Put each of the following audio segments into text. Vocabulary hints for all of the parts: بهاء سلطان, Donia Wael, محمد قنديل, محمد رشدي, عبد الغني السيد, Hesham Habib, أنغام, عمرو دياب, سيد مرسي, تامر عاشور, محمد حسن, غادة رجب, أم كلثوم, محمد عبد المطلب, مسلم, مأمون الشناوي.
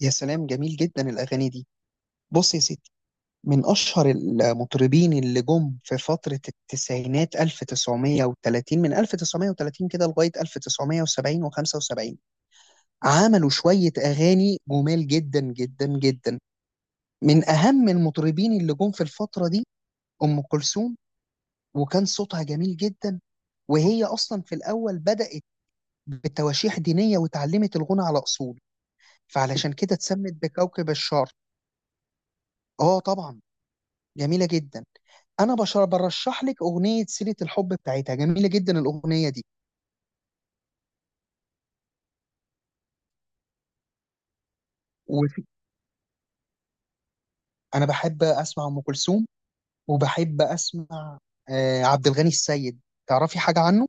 يا سلام، جميل جدا الأغاني دي. بص يا ستي، من أشهر المطربين اللي جم في فترة التسعينات 1930 من 1930 كده لغاية 1970 و75، عملوا شوية أغاني جمال جدا جدا جدا. من أهم المطربين اللي جم في الفترة دي أم كلثوم، وكان صوتها جميل جدا. وهي أصلا في الأول بدأت بتواشيح دينية وتعلمت الغنى على أصول، فعلشان كده اتسمت بكوكب الشرق. اه، طبعا جميله جدا. انا بشر برشح لك اغنيه سيره الحب بتاعتها، جميله جدا الاغنيه دي. وانا بحب اسمع ام كلثوم، وبحب اسمع عبد الغني السيد. تعرفي حاجه عنه؟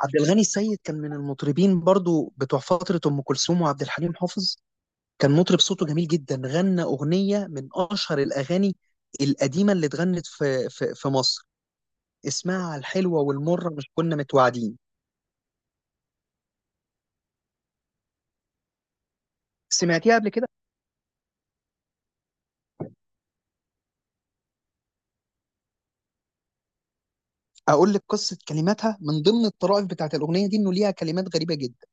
عبد الغني السيد كان من المطربين برضو بتوع فتره ام كلثوم وعبد الحليم حافظ. كان مطرب صوته جميل جدا، غنى اغنيه من اشهر الاغاني القديمه اللي اتغنت في مصر، اسمها الحلوه والمره مش كنا متوعدين. سمعتيها قبل كده؟ اقول لك قصه كلماتها. من ضمن الطرائف بتاعت الاغنيه دي انه ليها كلمات غريبه جدا.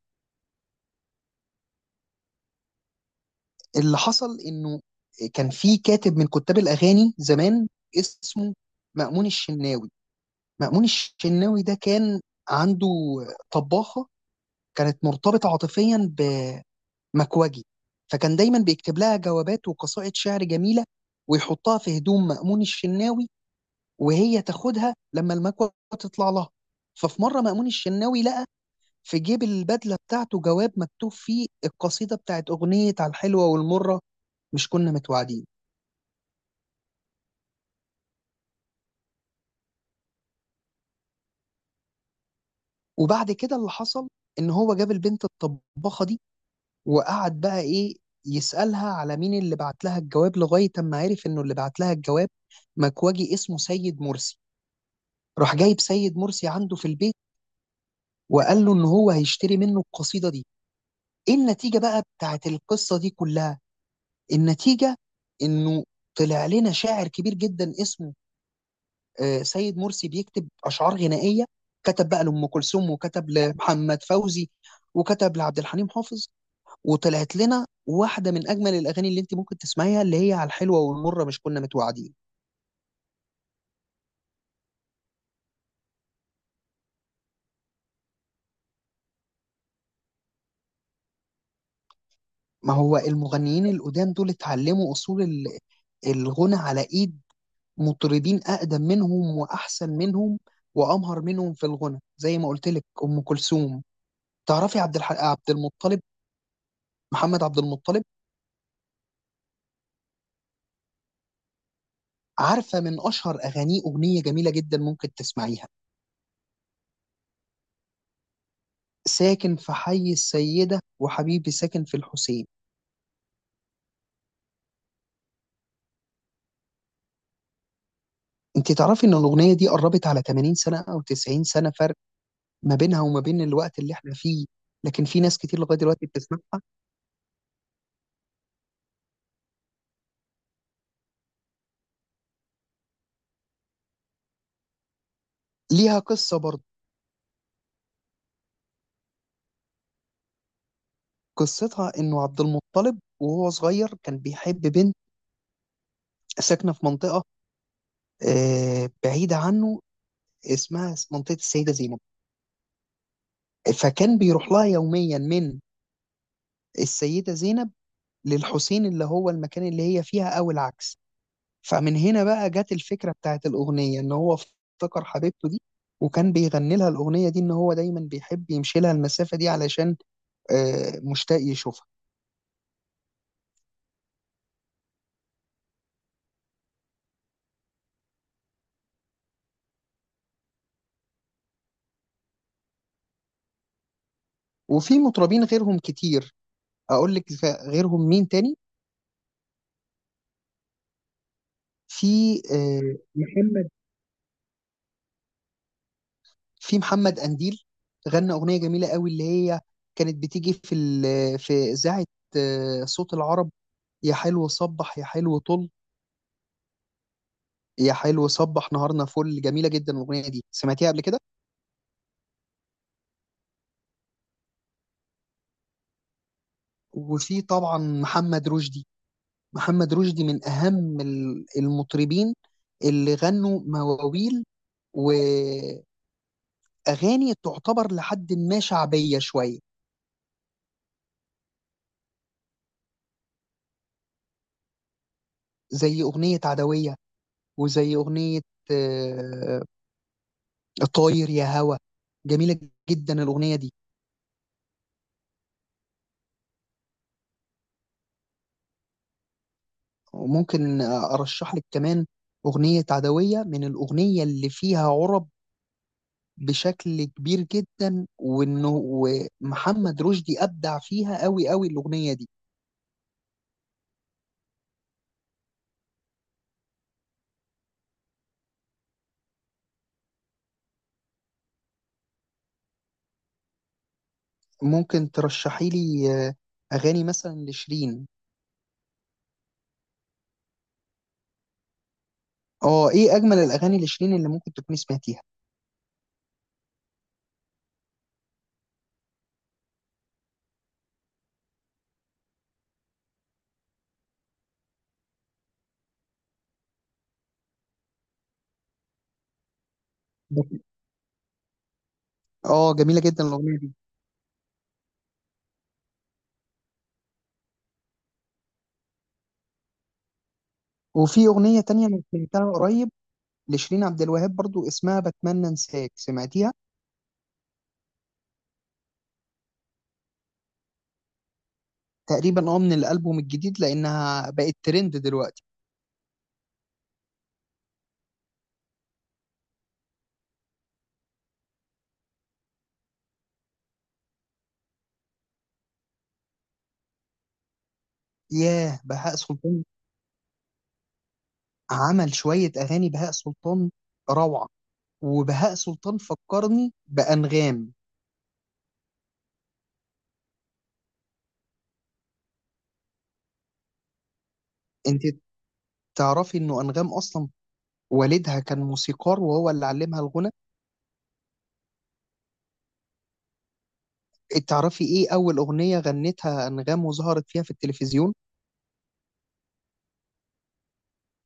اللي حصل انه كان في كاتب من كتاب الاغاني زمان اسمه مأمون الشناوي. مأمون الشناوي ده كان عنده طباخه، كانت مرتبطه عاطفيا بمكوجي، فكان دايما بيكتب لها جوابات وقصائد شعر جميله ويحطها في هدوم مأمون الشناوي، وهي تاخدها لما المكوه تطلع لها. ففي مره مأمون الشناوي لقى في جيب البدلة بتاعته جواب مكتوب فيه القصيدة بتاعت أغنية على الحلوة والمرة مش كنا متوعدين. وبعد كده اللي حصل إن هو جاب البنت الطباخة دي، وقعد بقى إيه، يسألها على مين اللي بعت لها الجواب، لغاية أما عرف إنه اللي بعت لها الجواب مكواجي اسمه سيد مرسي. راح جايب سيد مرسي عنده في البيت، وقال له إن هو هيشتري منه القصيدة دي. إيه النتيجة بقى بتاعت القصة دي كلها؟ النتيجة إنه طلع لنا شاعر كبير جدا اسمه سيد مرسي، بيكتب اشعار غنائيه. كتب بقى لام كلثوم، وكتب لمحمد فوزي، وكتب لعبد الحليم حافظ، وطلعت لنا واحده من اجمل الاغاني اللي انت ممكن تسمعيها، اللي هي على الحلوه والمره مش كنا متوعدين. ما هو المغنيين القدام دول اتعلموا اصول الغنى على ايد مطربين اقدم منهم واحسن منهم وامهر منهم في الغنى، زي ما قلت لك ام كلثوم. تعرفي عبد المطلب؟ محمد عبد المطلب. عارفة من أشهر أغانيه أغنية جميلة جدا ممكن تسمعيها: ساكن في حي السيدة وحبيبي ساكن في الحسين. أنت تعرفي إن الأغنية دي قربت على 80 سنة أو 90 سنة فرق ما بينها وما بين الوقت اللي إحنا فيه؟ لكن في ناس كتير لغاية دلوقتي بتسمعها. ليها قصة برضه. قصتها إنه عبد المطلب وهو صغير كان بيحب بنت ساكنة في منطقة بعيدة عنه، اسمها منطقة السيدة زينب. فكان بيروح لها يوميا من السيدة زينب للحسين اللي هو المكان اللي هي فيها، أو العكس. فمن هنا بقى جت الفكرة بتاعت الأغنية، إن هو افتكر حبيبته دي وكان بيغني لها الأغنية دي، إن هو دايما بيحب يمشي لها المسافة دي علشان مشتاق يشوفها. وفي مطربين غيرهم كتير. أقول لك غيرهم مين تاني. في محمد، في محمد قنديل، غنى أغنية جميلة قوي، اللي هي كانت بتيجي في في إذاعة صوت العرب: يا حلو صبح، يا حلو طل، يا حلو صبح نهارنا فل. جميلة جدا الأغنية دي. سمعتيها قبل كده؟ وفي طبعا محمد رشدي. محمد رشدي من أهم المطربين اللي غنوا مواويل وأغاني تعتبر لحد ما شعبية شوية. زي أغنية عدوية، وزي أغنية آه، طاير يا هوا. جميلة جدا الأغنية دي. وممكن أرشح لك كمان أغنية عدوية، من الأغنية اللي فيها عرب بشكل كبير جدا، وانه محمد رشدي ابدع فيها قوي قوي الاغنيه دي. ممكن ترشحي لي اغاني مثلا لشيرين. اه، ايه اجمل الاغاني لشيرين اللي ممكن تكوني سمعتيها؟ اه، جميله جدا الاغنيه دي. وفي اغنيه تانية انا سمعتها قريب لشيرين عبد الوهاب برضو، اسمها بتمنى انساك. سمعتيها؟ تقريبا اه من الالبوم الجديد، لانها بقت ترند دلوقتي. ياه، بهاء سلطان عمل شويه اغاني. بهاء سلطان روعه. وبهاء سلطان فكرني بأنغام. انت تعرفي انه أنغام أصلا والدها كان موسيقار وهو اللي علمها الغنى؟ تعرفي ايه أول أغنية غنتها أنغام وظهرت فيها في التلفزيون؟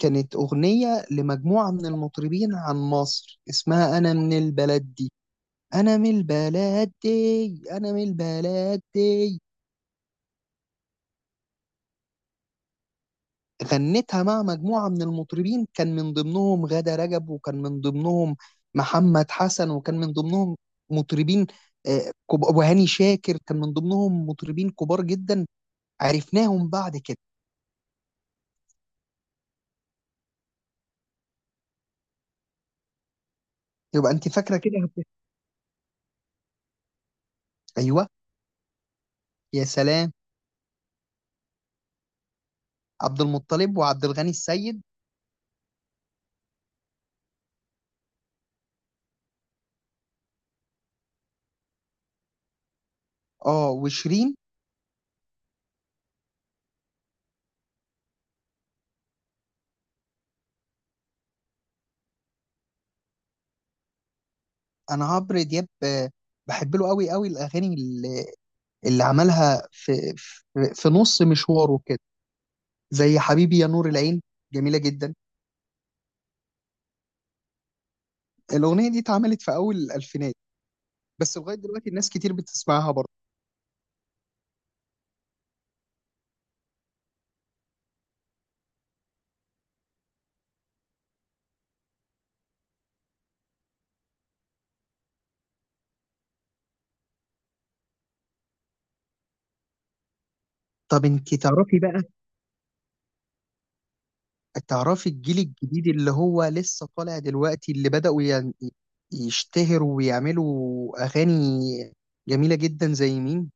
كانت أغنية لمجموعة من المطربين عن مصر اسمها أنا من البلد دي، أنا من البلد دي، أنا من البلد دي. غنتها مع مجموعة من المطربين، كان من ضمنهم غادة رجب، وكان من ضمنهم محمد حسن، وكان من ضمنهم مطربين وهاني شاكر. كان من ضمنهم مطربين كبار جدا عرفناهم بعد كده. يبقى انت فاكرة كده. ايوه. يا سلام. عبد المطلب وعبد الغني السيد. اه، وشيرين. انا عمرو دياب بحب له قوي قوي، الاغاني اللي عملها في نص مشواره كده، زي حبيبي يا نور العين. جميلة جدا الأغنية دي، اتعملت في أول الألفينات، بس لغاية دلوقتي الناس كتير بتسمعها برضه. طب انت تعرفي بقى، تعرفي الجيل الجديد اللي هو لسه طالع دلوقتي اللي بدأوا يشتهروا ويعملوا أغاني جميلة جدا زي مين؟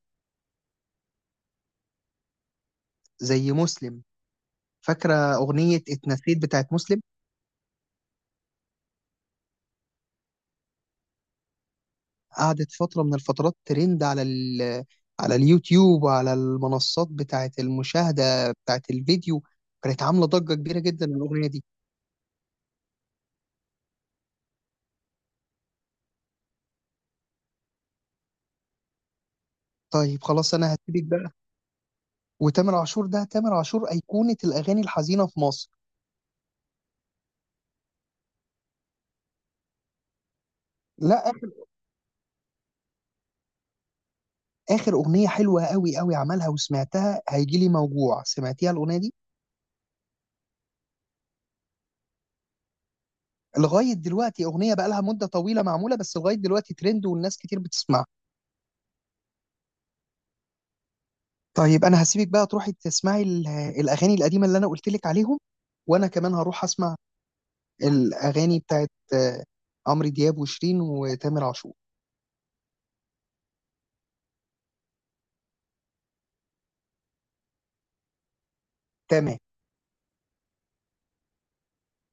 زي مسلم. فاكرة أغنية اتنسيت بتاعت مسلم؟ قعدت فترة من الفترات ترند على اليوتيوب وعلى المنصات بتاعت المشاهدة بتاعت الفيديو. كانت عاملة ضجة كبيرة جدا الأغنية دي. طيب خلاص، أنا هسيبك بقى. وتامر عاشور ده، تامر عاشور أيقونة الأغاني الحزينة في مصر. لا، آخر آخر أغنية حلوة قوي قوي عملها وسمعتها هيجي لي موجوع. سمعتيها الأغنية دي؟ لغاية دلوقتي أغنية بقى لها مدة طويلة معمولة، بس لغاية دلوقتي ترند والناس كتير بتسمعها. طيب أنا هسيبك بقى تروحي تسمعي الأغاني القديمة اللي أنا قلت لك عليهم. وأنا كمان هروح أسمع الأغاني بتاعت عمرو دياب وشيرين وتامر عاشور. تمام.